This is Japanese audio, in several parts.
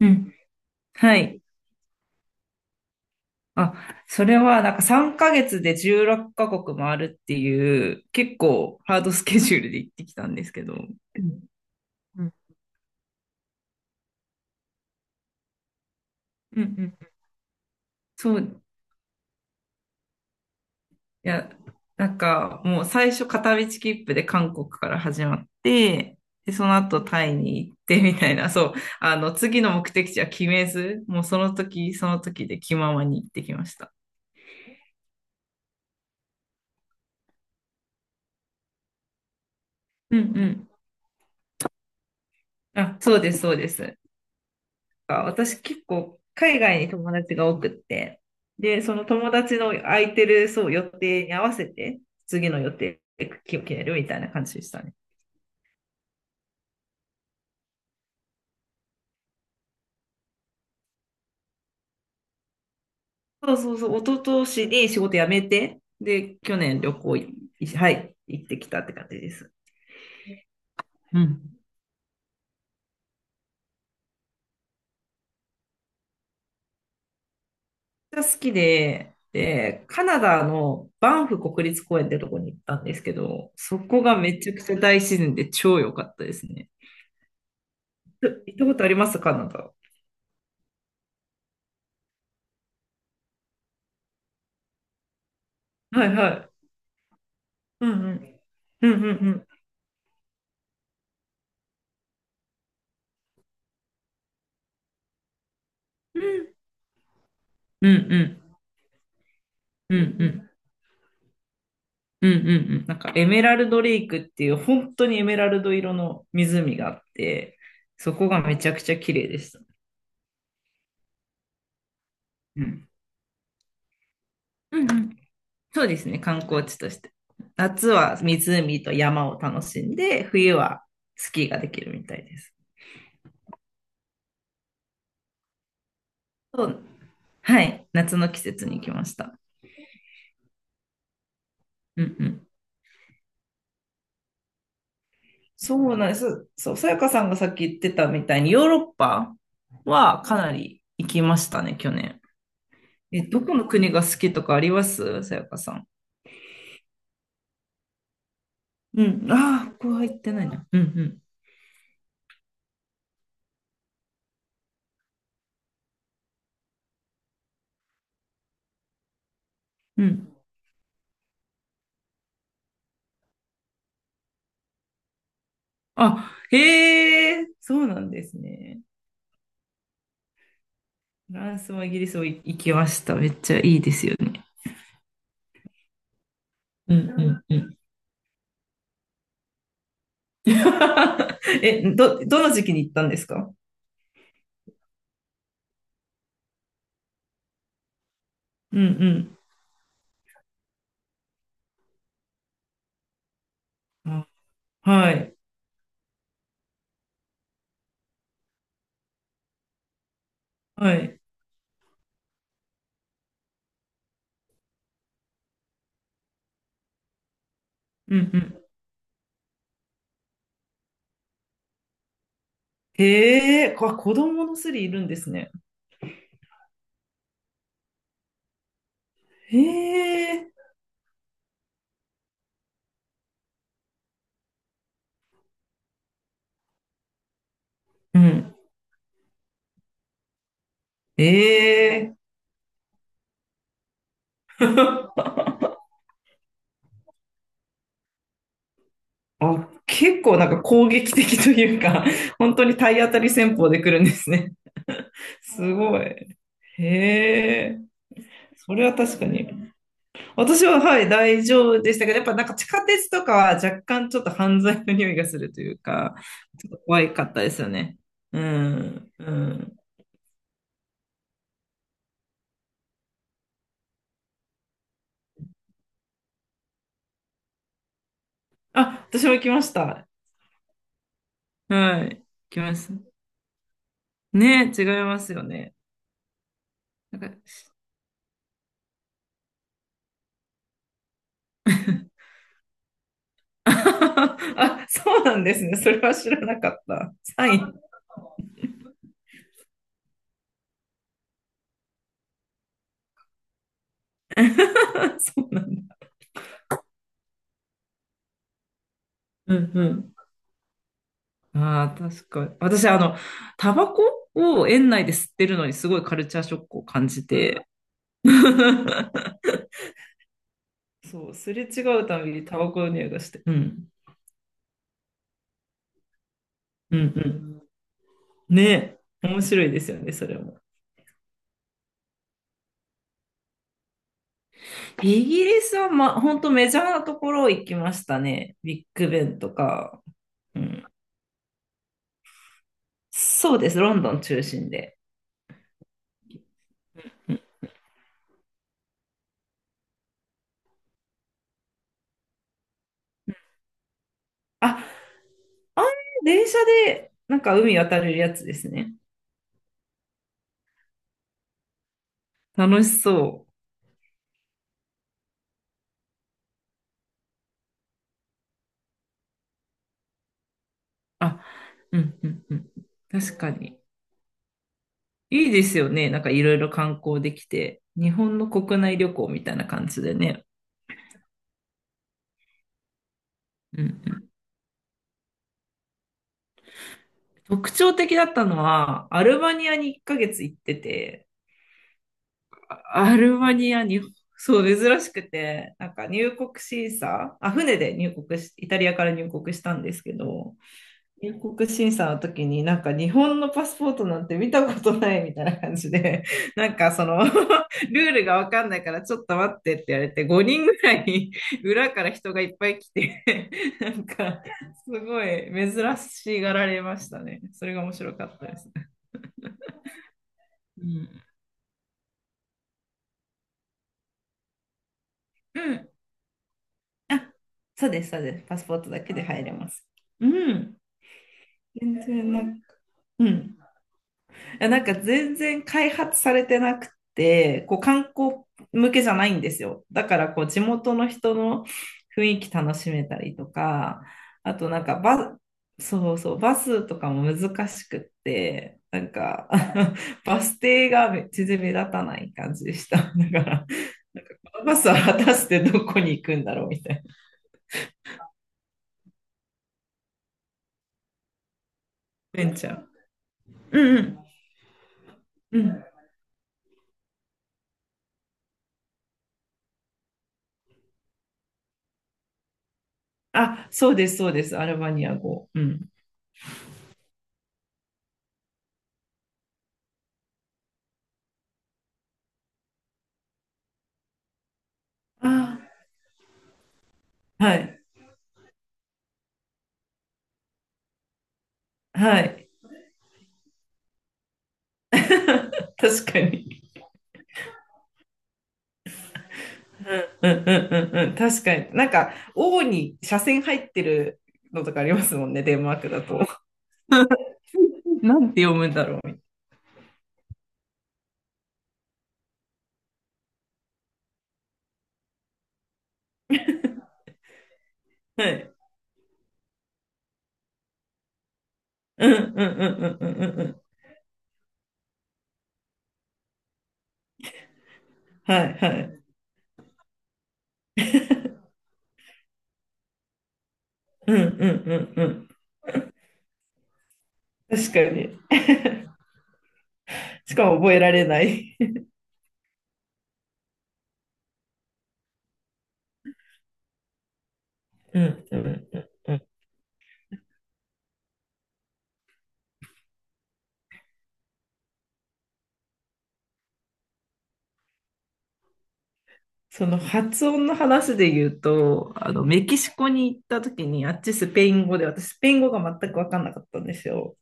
うん。はい。あ、それはなんか3ヶ月で16カ国もあるっていう結構ハードスケジュールで行ってきたんですけど。うんうんうん。そう、いや、なんかもう最初片道切符で韓国から始まって、で、その後タイに行ってみたいな、そう、あの、次の目的地は決めず、もうその時その時で気ままに行ってきました。うんうん。あ、そうです、そうです。私結構海外に友達が多くって、で、その友達の空いてる、そう、予定に合わせて、次の予定を決めるみたいな感じでしたね。そうそうそう、一昨年に仕事辞めて、で、去年旅行、はい、行ってきたって感じです。うん。めっちゃ好きで、で、カナダのバンフ国立公園ってとこに行ったんですけど、そこがめちゃくちゃ大自然で超良かったですね。え、行ったことありますカナダ。はいはい。うんうん。うんうんうん。うんうんうんうんうんうんうんうん、なんかエメラルドレイクっていう本当にエメラルド色の湖があって、そこがめちゃくちゃ綺麗でした。うん。うんうん。そうですね、観光地として。夏は湖と山を楽しんで、冬はスキーができるみたいです。そう。はい、夏の季節に行きました。うんうん。そうなんです。そう、さやかさんがさっき言ってたみたいに、ヨーロッパはかなり行きましたね、去年。え、どこの国が好きとかありますさやかさん。うん。ああ、ここは行ってないな。うんうん。うん。あ、へえ、そうなんですね。フランスもイギリスも行きました。めっちゃいいですよね。うんうんうん。え、どの時期に行ったんですか。うんうん。あ、はい。はい。うんうん。へえ、子供のスリいるんですね。ええ。うん。ええ。 あ、結構なんか攻撃的というか、本当に体当たり戦法で来るんですね。すごい。へえ。それは確かに。私は、はい、大丈夫でしたけど、やっぱなんか地下鉄とかは若干ちょっと犯罪の匂いがするというか、ちょっと怖かったですよね。うん、うん。あ、私も来ました。はい、来ました。ね、違いますよね。なんか。 あ、そうなんですね。それは知らなかった。サイン。そうなんだ。うんうん。ああ、確かに。私、あの、タバコを園内で吸ってるのにすごいカルチャーショックを感じて。そう、すれ違うたびにタバコの匂いがして。うん。うんうん。ねえ。面白いですよね、それも。イギリスは、ま、本当メジャーなところ行きましたね。ビッグベンとか。うん。そうです、ロンドン中心で。あ、あん電車で、なんか海渡れるやつですね。楽しそう。あ、うん、うん、うん。確かに。いいですよね。なんかいろいろ観光できて。日本の国内旅行みたいな感じでね。うんうん。特徴的だったのは、アルバニアに1ヶ月行ってて、あアルバニアに、そう、珍しくて、なんか入国審査、あ、船で入国し、イタリアから入国したんですけど、入国審査の時になんか日本のパスポートなんて見たことないみたいな感じで、なんかその ルールがわかんないからちょっと待ってって言われて5人ぐらい裏から人がいっぱい来て、 なんかすごい珍しがられましたね。それが面白かったですね。うん。うん。あ、そうです、そうです。パスポートだけで入れます。うん。全然なんか、うん。やなんか全然開発されてなくて、こう観光向けじゃないんですよ。だからこう地元の人の雰囲気楽しめたりとか、あとなんかそうそう、バスとかも難しくって、なんか バス停が全然目立たない感じでした。だから、なんかこのバスは果たしてどこに行くんだろうみたいな。ベンチャー。うんうん。うん。あ、そうです、そうです。アルバニア語。うん。あ、はい。はい。確かに。うんうんうんうん。確かに。なんか、王に斜線入ってるのとかありますもんね、デンマークだと。 なんて読むんだろう。はい。うんうんうんうんうんうん。はいはい。うんうんうんうん。確かに。しかも覚えられない。 うんうんうんうん。その発音の話で言うと、あの、メキシコに行った時に、あっちスペイン語で、私スペイン語が全く分かんなかったんですよ。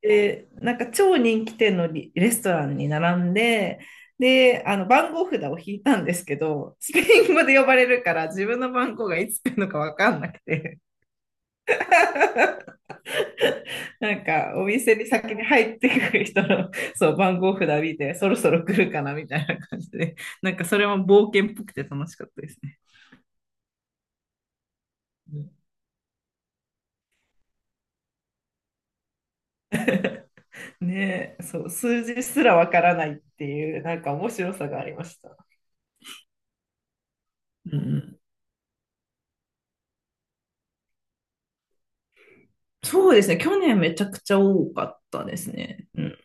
で、なんか超人気店のレストランに並んで、で、あの番号札を引いたんですけど、スペイン語で呼ばれるから自分の番号がいつ来るのか分かんなくて、なんかお店に先に入ってくる人の、そう、番号札見て、そろそろ来るかなみたいな感じで、なんかそれも冒険っぽくて楽しかったですね。ねえ、そう、数字すらわからないっていう、なんか面白さがありました。うん、そうですね。去年めちゃくちゃ多かったですね。うん。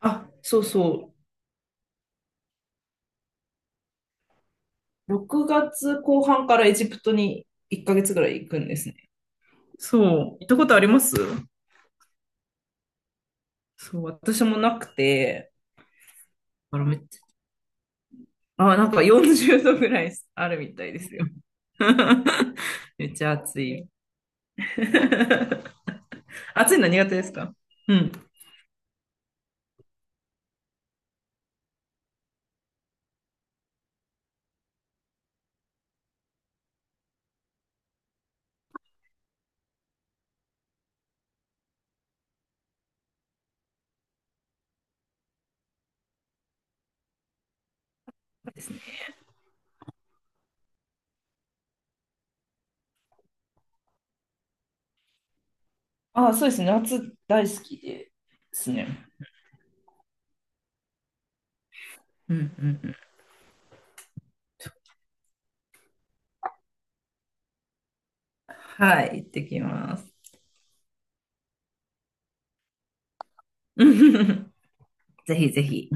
あ、そうそう。6月後半からエジプトに1ヶ月ぐらい行くんですね。そう。行ったことありますそう、私もなくて。あら、めっちゃ、あ、なんか40度ぐらいあるみたいですよ。めっちゃ暑い。暑いの苦手ですか。うん。ですね。あ、そうですね。夏大好きですね。うんうんうん。はい、行ってきます。ぜひぜひ。